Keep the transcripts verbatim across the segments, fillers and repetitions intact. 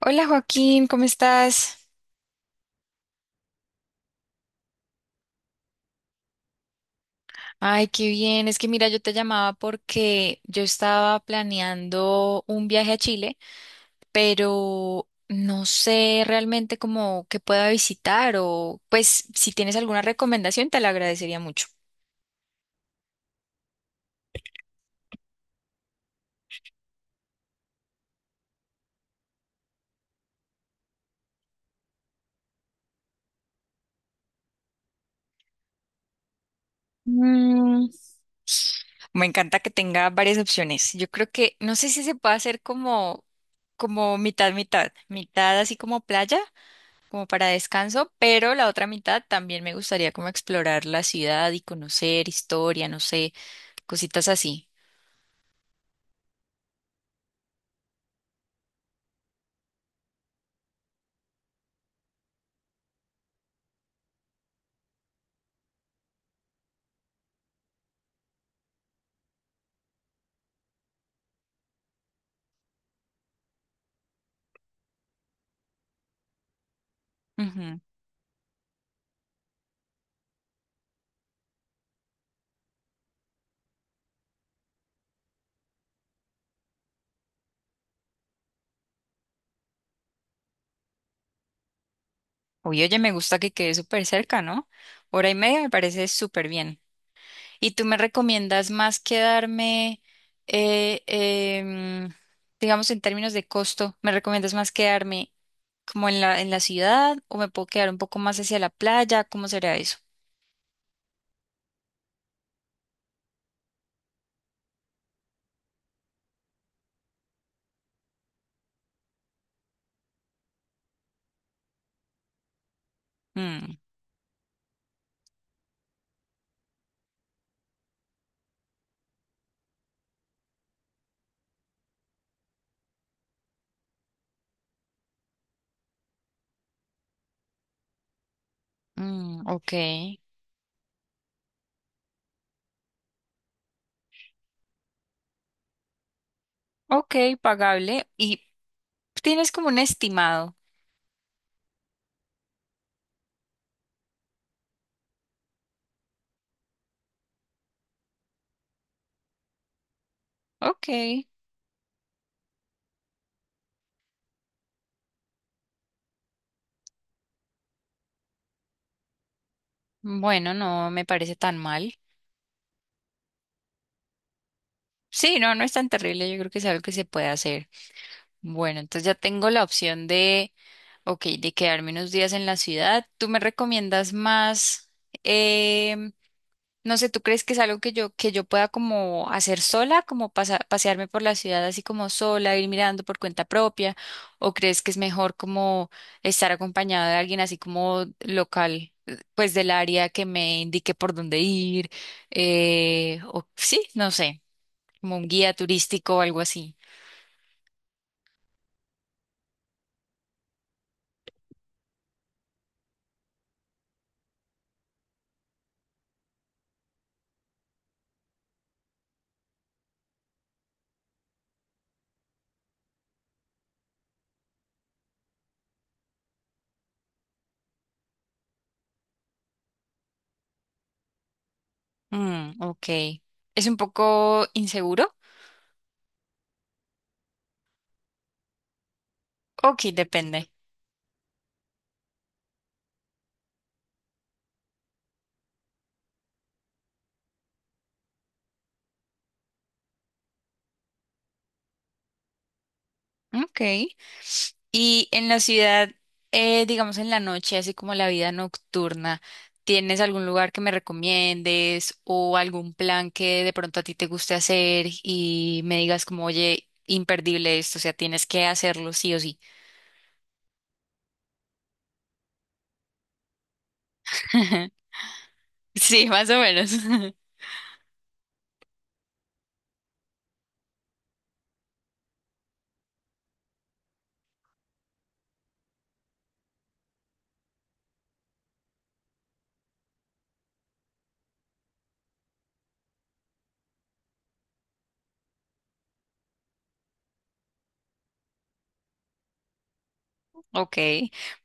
Hola Joaquín, ¿cómo estás? Ay, qué bien. Es que mira, yo te llamaba porque yo estaba planeando un viaje a Chile, pero no sé realmente cómo que pueda visitar o pues si tienes alguna recomendación te la agradecería mucho. Mm, Me encanta que tenga varias opciones. Yo creo que no sé si se puede hacer como como mitad mitad, mitad así como playa como para descanso, pero la otra mitad también me gustaría como explorar la ciudad y conocer historia, no sé, cositas así. Ujú. Uy, oye, me gusta que quede súper cerca, ¿no? Hora y media me parece súper bien. ¿Y tú me recomiendas más quedarme, eh, em, digamos, en términos de costo, me recomiendas más quedarme como en la, en la ciudad o me puedo quedar un poco más hacia la playa? ¿Cómo será eso? Mm, mm, ok. Ok, pagable. ¿Y Tienes como un estimado? Ok. Bueno, no me parece tan mal. Sí, no, no es tan terrible. Yo creo que es algo que se puede hacer. Bueno, entonces ya tengo la opción de, ok, de quedarme unos días en la ciudad. ¿Tú me recomiendas más? em, No sé, ¿tú crees que es algo que yo, que yo pueda como hacer sola, como pasa- pasearme por la ciudad así como sola, ir mirando por cuenta propia? ¿O crees que es mejor como estar acompañado de alguien así como local, eh, pues del área que me indique por dónde ir? Eh, o sí, no sé, como un guía turístico o algo así. Mm, ok. ¿Es un poco inseguro? Ok, depende. Ok. Y en la ciudad, eh, digamos en la noche, así como la vida nocturna, ¿tienes algún lugar que me recomiendes o algún plan que de pronto a ti te guste hacer y me digas como, oye, imperdible esto, o sea, tienes que hacerlo sí o sí? Sí, más o menos. Ok,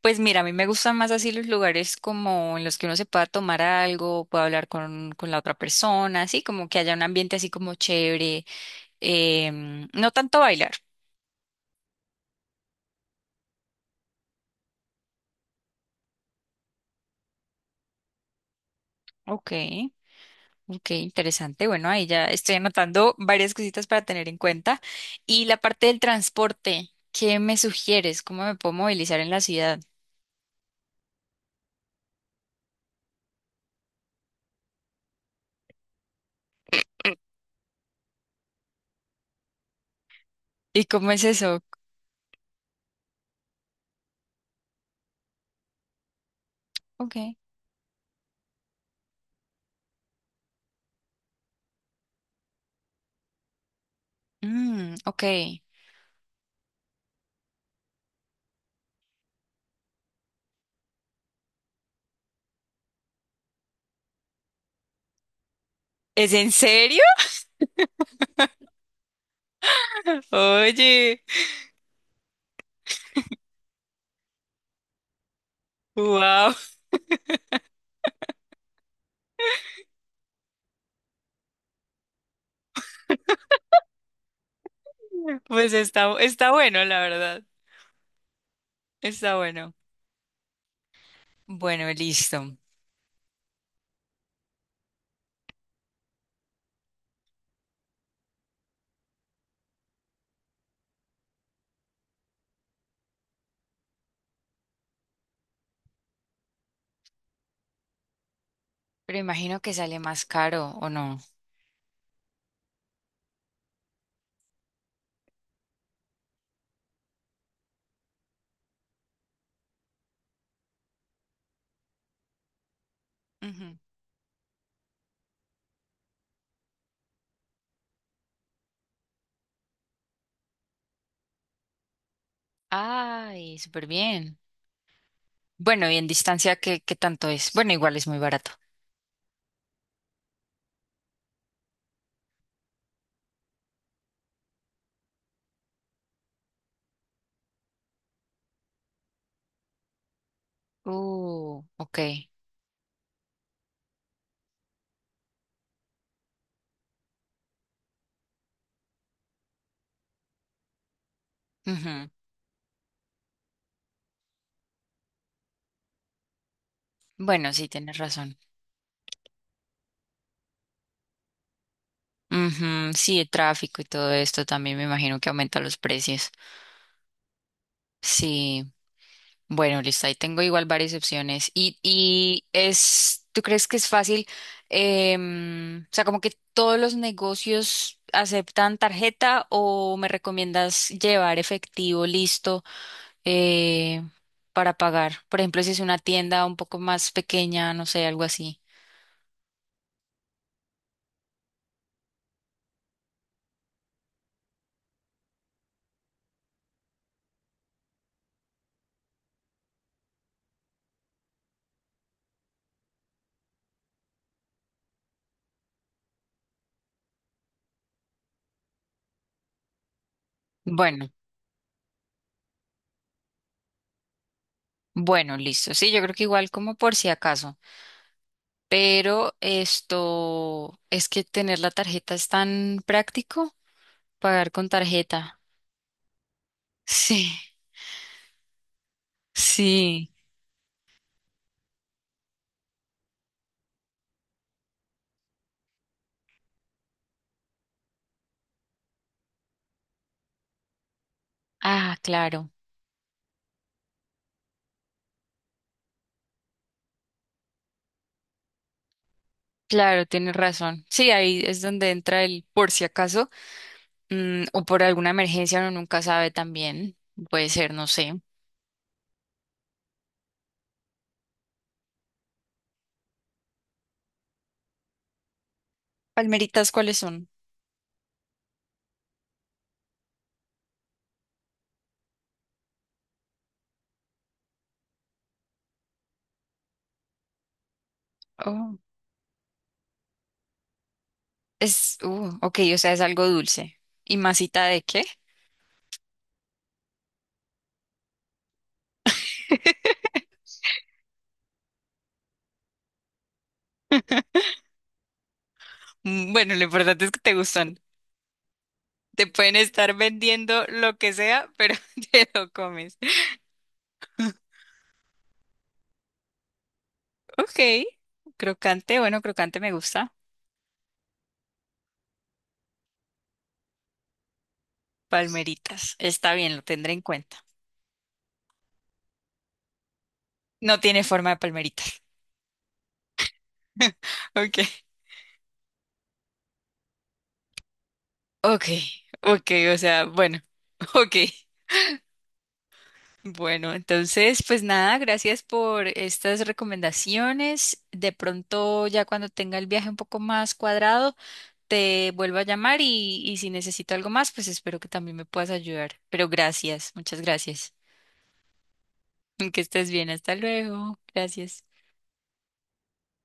pues mira, a mí me gustan más así los lugares como en los que uno se pueda tomar algo, pueda hablar con, con la otra persona, así como que haya un ambiente así como chévere, em, no tanto bailar. Ok. Ok, interesante. Bueno, ahí ya estoy anotando varias cositas para tener en cuenta. Y la parte del transporte, ¿qué me sugieres? ¿Cómo me puedo movilizar en la ciudad? ¿Y cómo es eso? Ok. Mm, ok. ¿Es en serio? Oye, wow. Pues está, está bueno, la verdad. Está bueno. Bueno, listo. Pero imagino que sale más caro, ¿o no? Ujú. Ay, súper bien. Bueno, y en distancia, ¿qué, qué tanto es? Bueno, igual es muy barato. Uh, ok. Ujú. Bueno, sí, tienes razón. Ujú, sí, el tráfico y todo esto también me imagino que aumenta los precios. Sí, bueno, listo, ahí tengo igual varias opciones. Y, y es, ¿tú crees que es fácil? Em, o sea, como que todos los negocios aceptan tarjeta o me recomiendas llevar efectivo listo eh, para pagar? Por ejemplo, si es una tienda un poco más pequeña, no sé, algo así. Bueno. Bueno, listo. Sí, yo creo que igual como por si acaso. Pero esto es que tener la tarjeta es tan práctico, pagar con tarjeta. Sí, sí. Ah, claro. Claro, tienes razón. Sí, ahí es donde entra el por si acaso, mm, o por alguna emergencia, uno nunca sabe también. Puede ser, no sé. Palmeritas, ¿cuáles son? Oh, es, uh, ok, o sea, es algo dulce. ¿Y masita de qué? Mm, Bueno, lo importante es que te gustan. Te pueden estar vendiendo lo que sea, pero te lo comes. Ok, crocante, bueno, crocante me gusta. Palmeritas, está bien, lo tendré en cuenta. No tiene forma de palmeritas. Ok, ok, ok, o sea, bueno, ok. Bueno, entonces, pues nada, gracias por estas recomendaciones. De pronto, ya cuando tenga el viaje un poco más cuadrado, te vuelvo a llamar y, y si necesito algo más, pues espero que también me puedas ayudar. Pero gracias, muchas gracias. Que estés bien, hasta luego. Gracias.